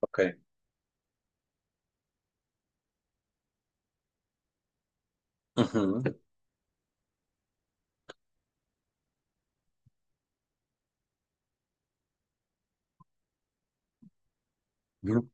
Ok. Ujú. Ujú.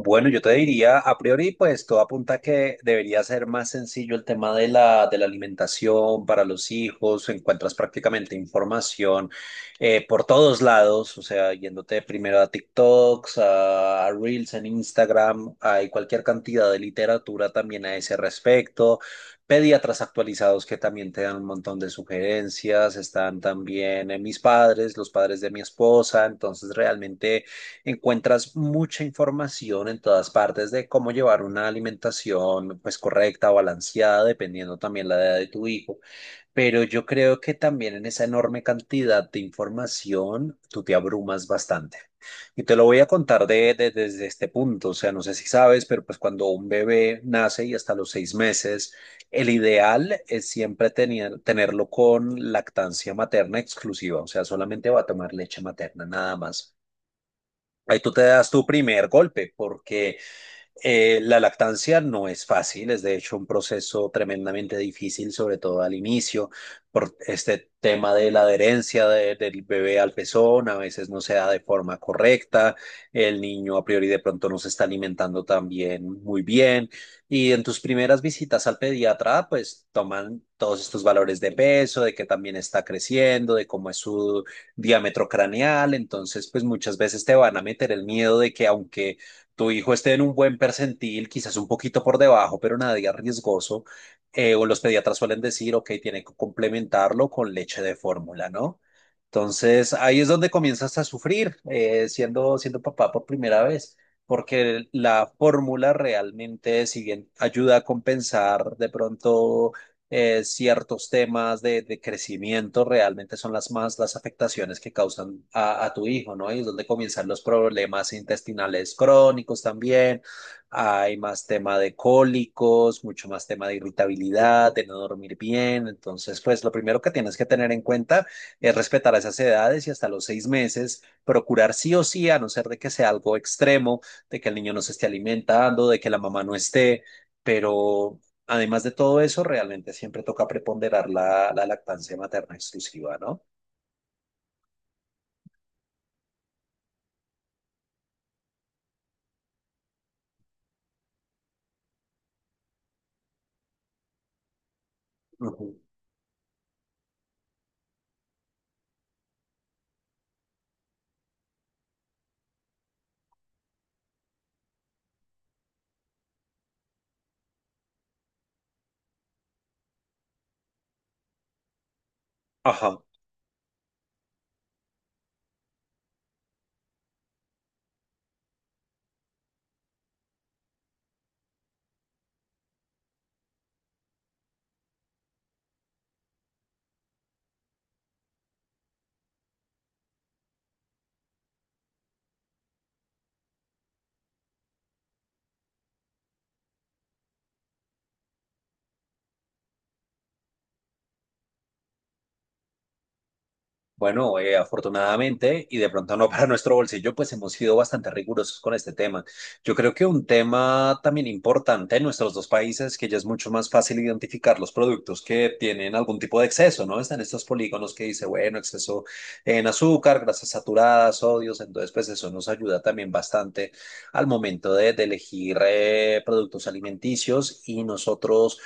Bueno, yo te diría, a priori, pues todo apunta a que debería ser más sencillo el tema de la alimentación para los hijos. Encuentras prácticamente información por todos lados, o sea, yéndote primero a TikToks, a Reels en Instagram, hay cualquier cantidad de literatura también a ese respecto. Pediatras actualizados que también te dan un montón de sugerencias. Están también mis padres, los padres de mi esposa. Entonces, realmente, encuentras mucha información en todas partes de cómo llevar una alimentación pues correcta, balanceada, dependiendo también la edad de tu hijo. Pero yo creo que también en esa enorme cantidad de información tú te abrumas bastante. Y te lo voy a contar desde este punto. O sea, no sé si sabes, pero pues cuando un bebé nace y hasta los 6 meses, el ideal es siempre tener, tenerlo con lactancia materna exclusiva. O sea, solamente va a tomar leche materna, nada más. Ahí tú te das tu primer golpe, porque la lactancia no es fácil, es de hecho un proceso tremendamente difícil, sobre todo al inicio, por este tema de la adherencia del bebé al pezón, a veces no se da de forma correcta, el niño a priori de pronto no se está alimentando también muy bien, y en tus primeras visitas al pediatra, pues toman todos estos valores de peso, de que también está creciendo, de cómo es su diámetro craneal, entonces pues muchas veces te van a meter el miedo de que aunque tu hijo esté en un buen percentil, quizás un poquito por debajo, pero nada de riesgoso, o los pediatras suelen decir, ok, tiene que complementarlo con leche de fórmula, ¿no? Entonces, ahí es donde comienzas a sufrir, siendo papá por primera vez, porque la fórmula realmente, si bien ayuda a compensar de pronto ciertos temas de crecimiento, realmente son las más las afectaciones que causan a tu hijo, ¿no? Y es donde comienzan los problemas intestinales crónicos también. Hay más tema de cólicos, mucho más tema de irritabilidad, de no dormir bien. Entonces, pues lo primero que tienes que tener en cuenta es respetar esas edades y hasta los 6 meses, procurar sí o sí, a no ser de que sea algo extremo, de que el niño no se esté alimentando, de que la mamá no esté. Pero además de todo eso, realmente siempre toca preponderar la lactancia materna exclusiva, ¿no? Ujú. Ajá. Bueno, afortunadamente, y de pronto no para nuestro bolsillo, pues hemos sido bastante rigurosos con este tema. Yo creo que un tema también importante en nuestros dos países, que ya es mucho más fácil identificar los productos que tienen algún tipo de exceso, ¿no? Están estos polígonos que dice, bueno, exceso en azúcar, grasas saturadas, sodios, entonces pues eso nos ayuda también bastante al momento de elegir productos alimenticios y nosotros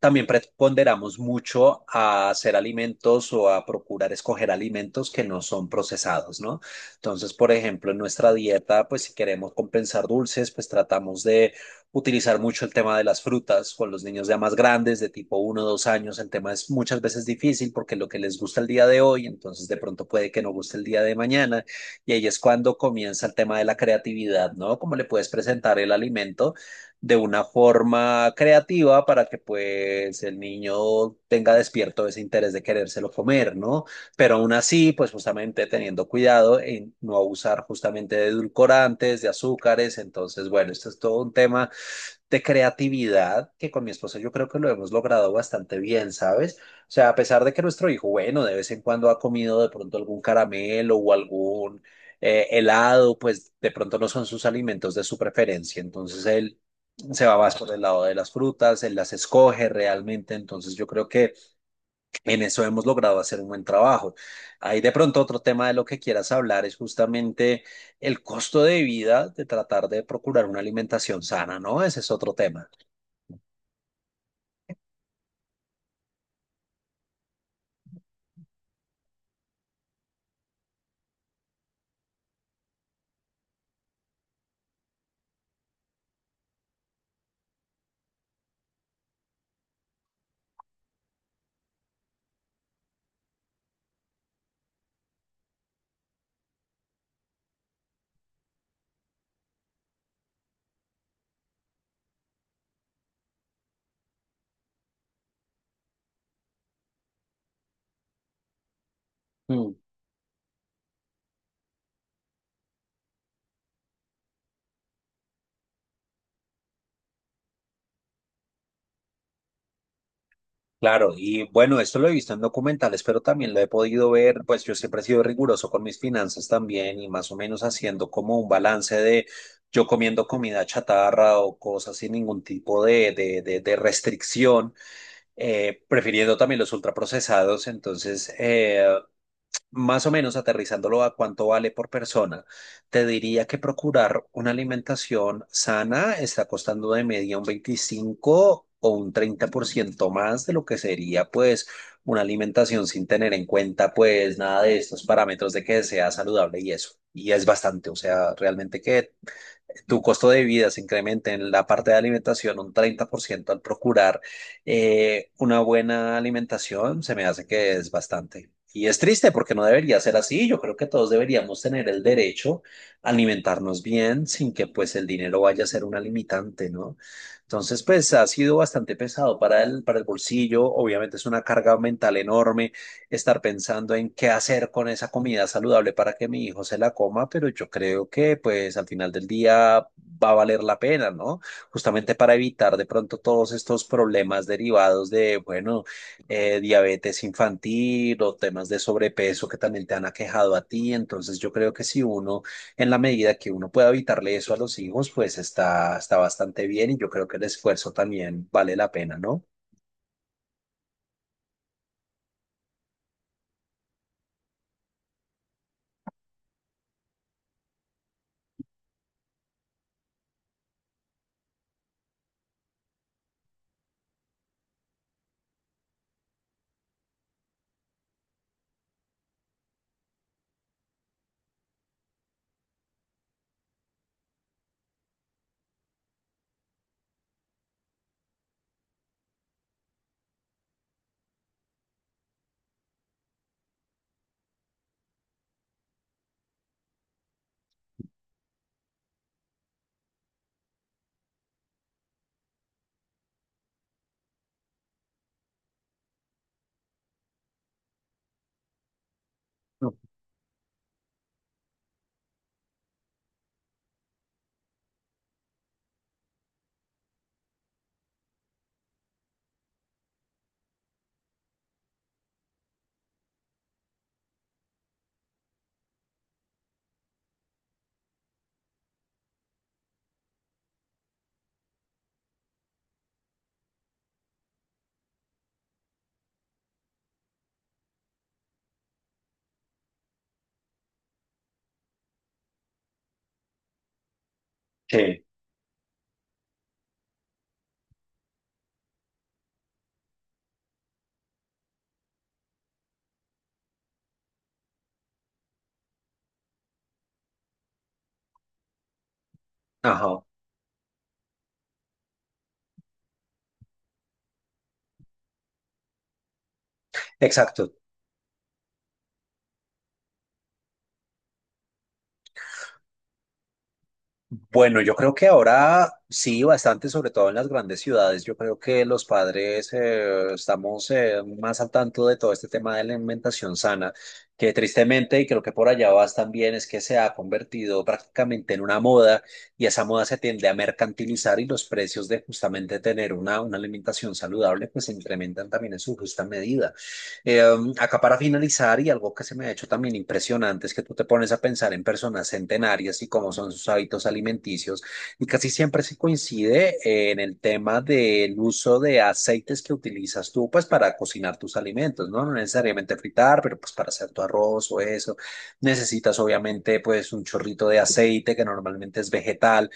también preponderamos mucho a hacer alimentos o a procurar escoger alimentos que no son procesados, ¿no? Entonces, por ejemplo, en nuestra dieta, pues si queremos compensar dulces, pues tratamos de utilizar mucho el tema de las frutas con los niños ya más grandes, de tipo uno, o 2 años. El tema es muchas veces difícil porque lo que les gusta el día de hoy, entonces de pronto puede que no guste el día de mañana. Y ahí es cuando comienza el tema de la creatividad, ¿no? Cómo le puedes presentar el alimento de una forma creativa para que pues el niño tenga despierto ese interés de querérselo comer, ¿no? Pero aún así, pues justamente teniendo cuidado en no abusar justamente de edulcorantes, de azúcares, entonces, bueno, esto es todo un tema de creatividad que con mi esposa yo creo que lo hemos logrado bastante bien, ¿sabes? O sea, a pesar de que nuestro hijo, bueno, de vez en cuando ha comido de pronto algún caramelo o algún helado, pues de pronto no son sus alimentos de su preferencia. Entonces él se va más por el lado de las frutas, él las escoge realmente, entonces yo creo que en eso hemos logrado hacer un buen trabajo. Ahí de pronto otro tema de lo que quieras hablar es justamente el costo de vida de tratar de procurar una alimentación sana, ¿no? Ese es otro tema. Mm. Claro, y bueno, esto lo he visto en documentales, pero también lo he podido ver, pues yo siempre he sido riguroso con mis finanzas también y más o menos haciendo como un balance de yo comiendo comida chatarra o cosas sin ningún tipo de restricción, prefiriendo también los ultraprocesados, entonces más o menos aterrizándolo a cuánto vale por persona, te diría que procurar una alimentación sana está costando de media un 25 o un 30% más de lo que sería pues una alimentación sin tener en cuenta pues nada de estos parámetros de que sea saludable y eso. Y es bastante, o sea, realmente que tu costo de vida se incrementa en la parte de alimentación un 30% al procurar una buena alimentación, se me hace que es bastante. Y es triste porque no debería ser así. Yo creo que todos deberíamos tener el derecho a alimentarnos bien sin que pues el dinero vaya a ser una limitante, ¿no? Entonces, pues ha sido bastante pesado para el bolsillo. Obviamente es una carga mental enorme estar pensando en qué hacer con esa comida saludable para que mi hijo se la coma, pero yo creo que pues al final del día va a valer la pena, ¿no? Justamente para evitar de pronto todos estos problemas derivados de, bueno, diabetes infantil o temas de sobrepeso que también te han aquejado a ti. Entonces yo creo que si uno, en la medida que uno pueda evitarle eso a los hijos, pues está, está bastante bien y yo creo que el esfuerzo también vale la pena, ¿no? Sí. Ajá, exacto. Bueno, yo creo que ahora sí, bastante, sobre todo en las grandes ciudades. Yo creo que los padres estamos más al tanto de todo este tema de la alimentación sana, que tristemente, y creo que por allá vas también, es que se ha convertido prácticamente en una moda y esa moda se tiende a mercantilizar y los precios de justamente tener una alimentación saludable pues se incrementan también en su justa medida. Acá para finalizar, y algo que se me ha hecho también impresionante es que tú te pones a pensar en personas centenarias y cómo son sus hábitos alimenticios, y casi siempre se coincide en el tema del uso de aceites que utilizas tú, pues para cocinar tus alimentos, ¿no? No necesariamente fritar, pero pues para hacer tu arroz o eso. Necesitas obviamente pues un chorrito de aceite que normalmente es vegetal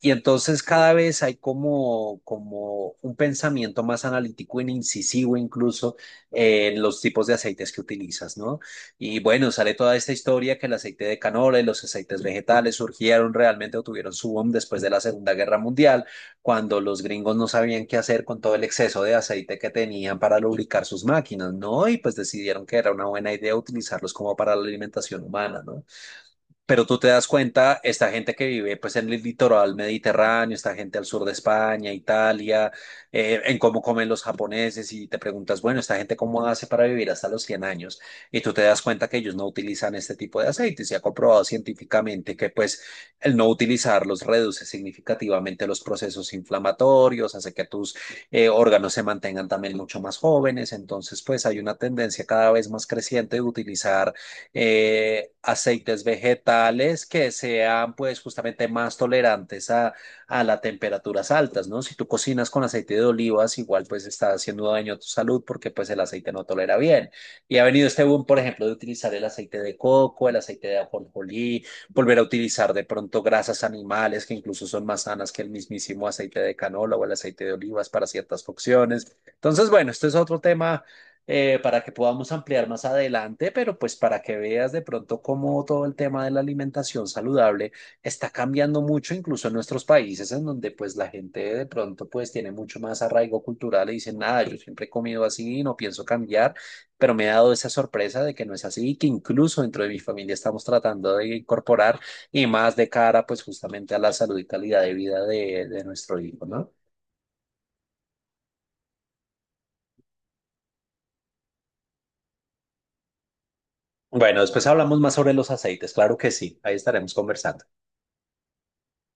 y entonces cada vez hay como un pensamiento más analítico e incisivo incluso en los tipos de aceites que utilizas, ¿no? Y bueno, sale toda esta historia que el aceite de canola y los aceites vegetales surgieron realmente o tuvieron su boom después de la Segunda Guerra Mundial, cuando los gringos no sabían qué hacer con todo el exceso de aceite que tenían para lubricar sus máquinas, ¿no? Y pues decidieron que era una buena idea utilizarlos como para la alimentación humana, ¿no? Pero tú te das cuenta, esta gente que vive pues en el litoral mediterráneo, esta gente al sur de España, Italia, en cómo comen los japoneses y te preguntas, bueno, esta gente cómo hace para vivir hasta los 100 años y tú te das cuenta que ellos no utilizan este tipo de aceites. Se ha comprobado científicamente que pues el no utilizarlos reduce significativamente los procesos inflamatorios, hace que tus órganos se mantengan también mucho más jóvenes. Entonces pues hay una tendencia cada vez más creciente de utilizar aceites vegetales que sean pues justamente más tolerantes a las temperaturas altas, ¿no? Si tú cocinas con aceite de olivas, igual pues está haciendo daño a tu salud porque pues el aceite no tolera bien. Y ha venido este boom, por ejemplo, de utilizar el aceite de coco, el aceite de ajonjolí, volver a utilizar de pronto grasas animales que incluso son más sanas que el mismísimo aceite de canola o el aceite de olivas para ciertas funciones. Entonces, bueno, este es otro tema para que podamos ampliar más adelante, pero pues para que veas de pronto cómo todo el tema de la alimentación saludable está cambiando mucho, incluso en nuestros países, en donde pues la gente de pronto pues tiene mucho más arraigo cultural y dicen, nada, yo siempre he comido así, no pienso cambiar, pero me he dado esa sorpresa de que no es así y que incluso dentro de mi familia estamos tratando de incorporar y más de cara pues justamente a la salud y calidad de vida de nuestro hijo, ¿no? Bueno, después hablamos más sobre los aceites, claro que sí, ahí estaremos conversando.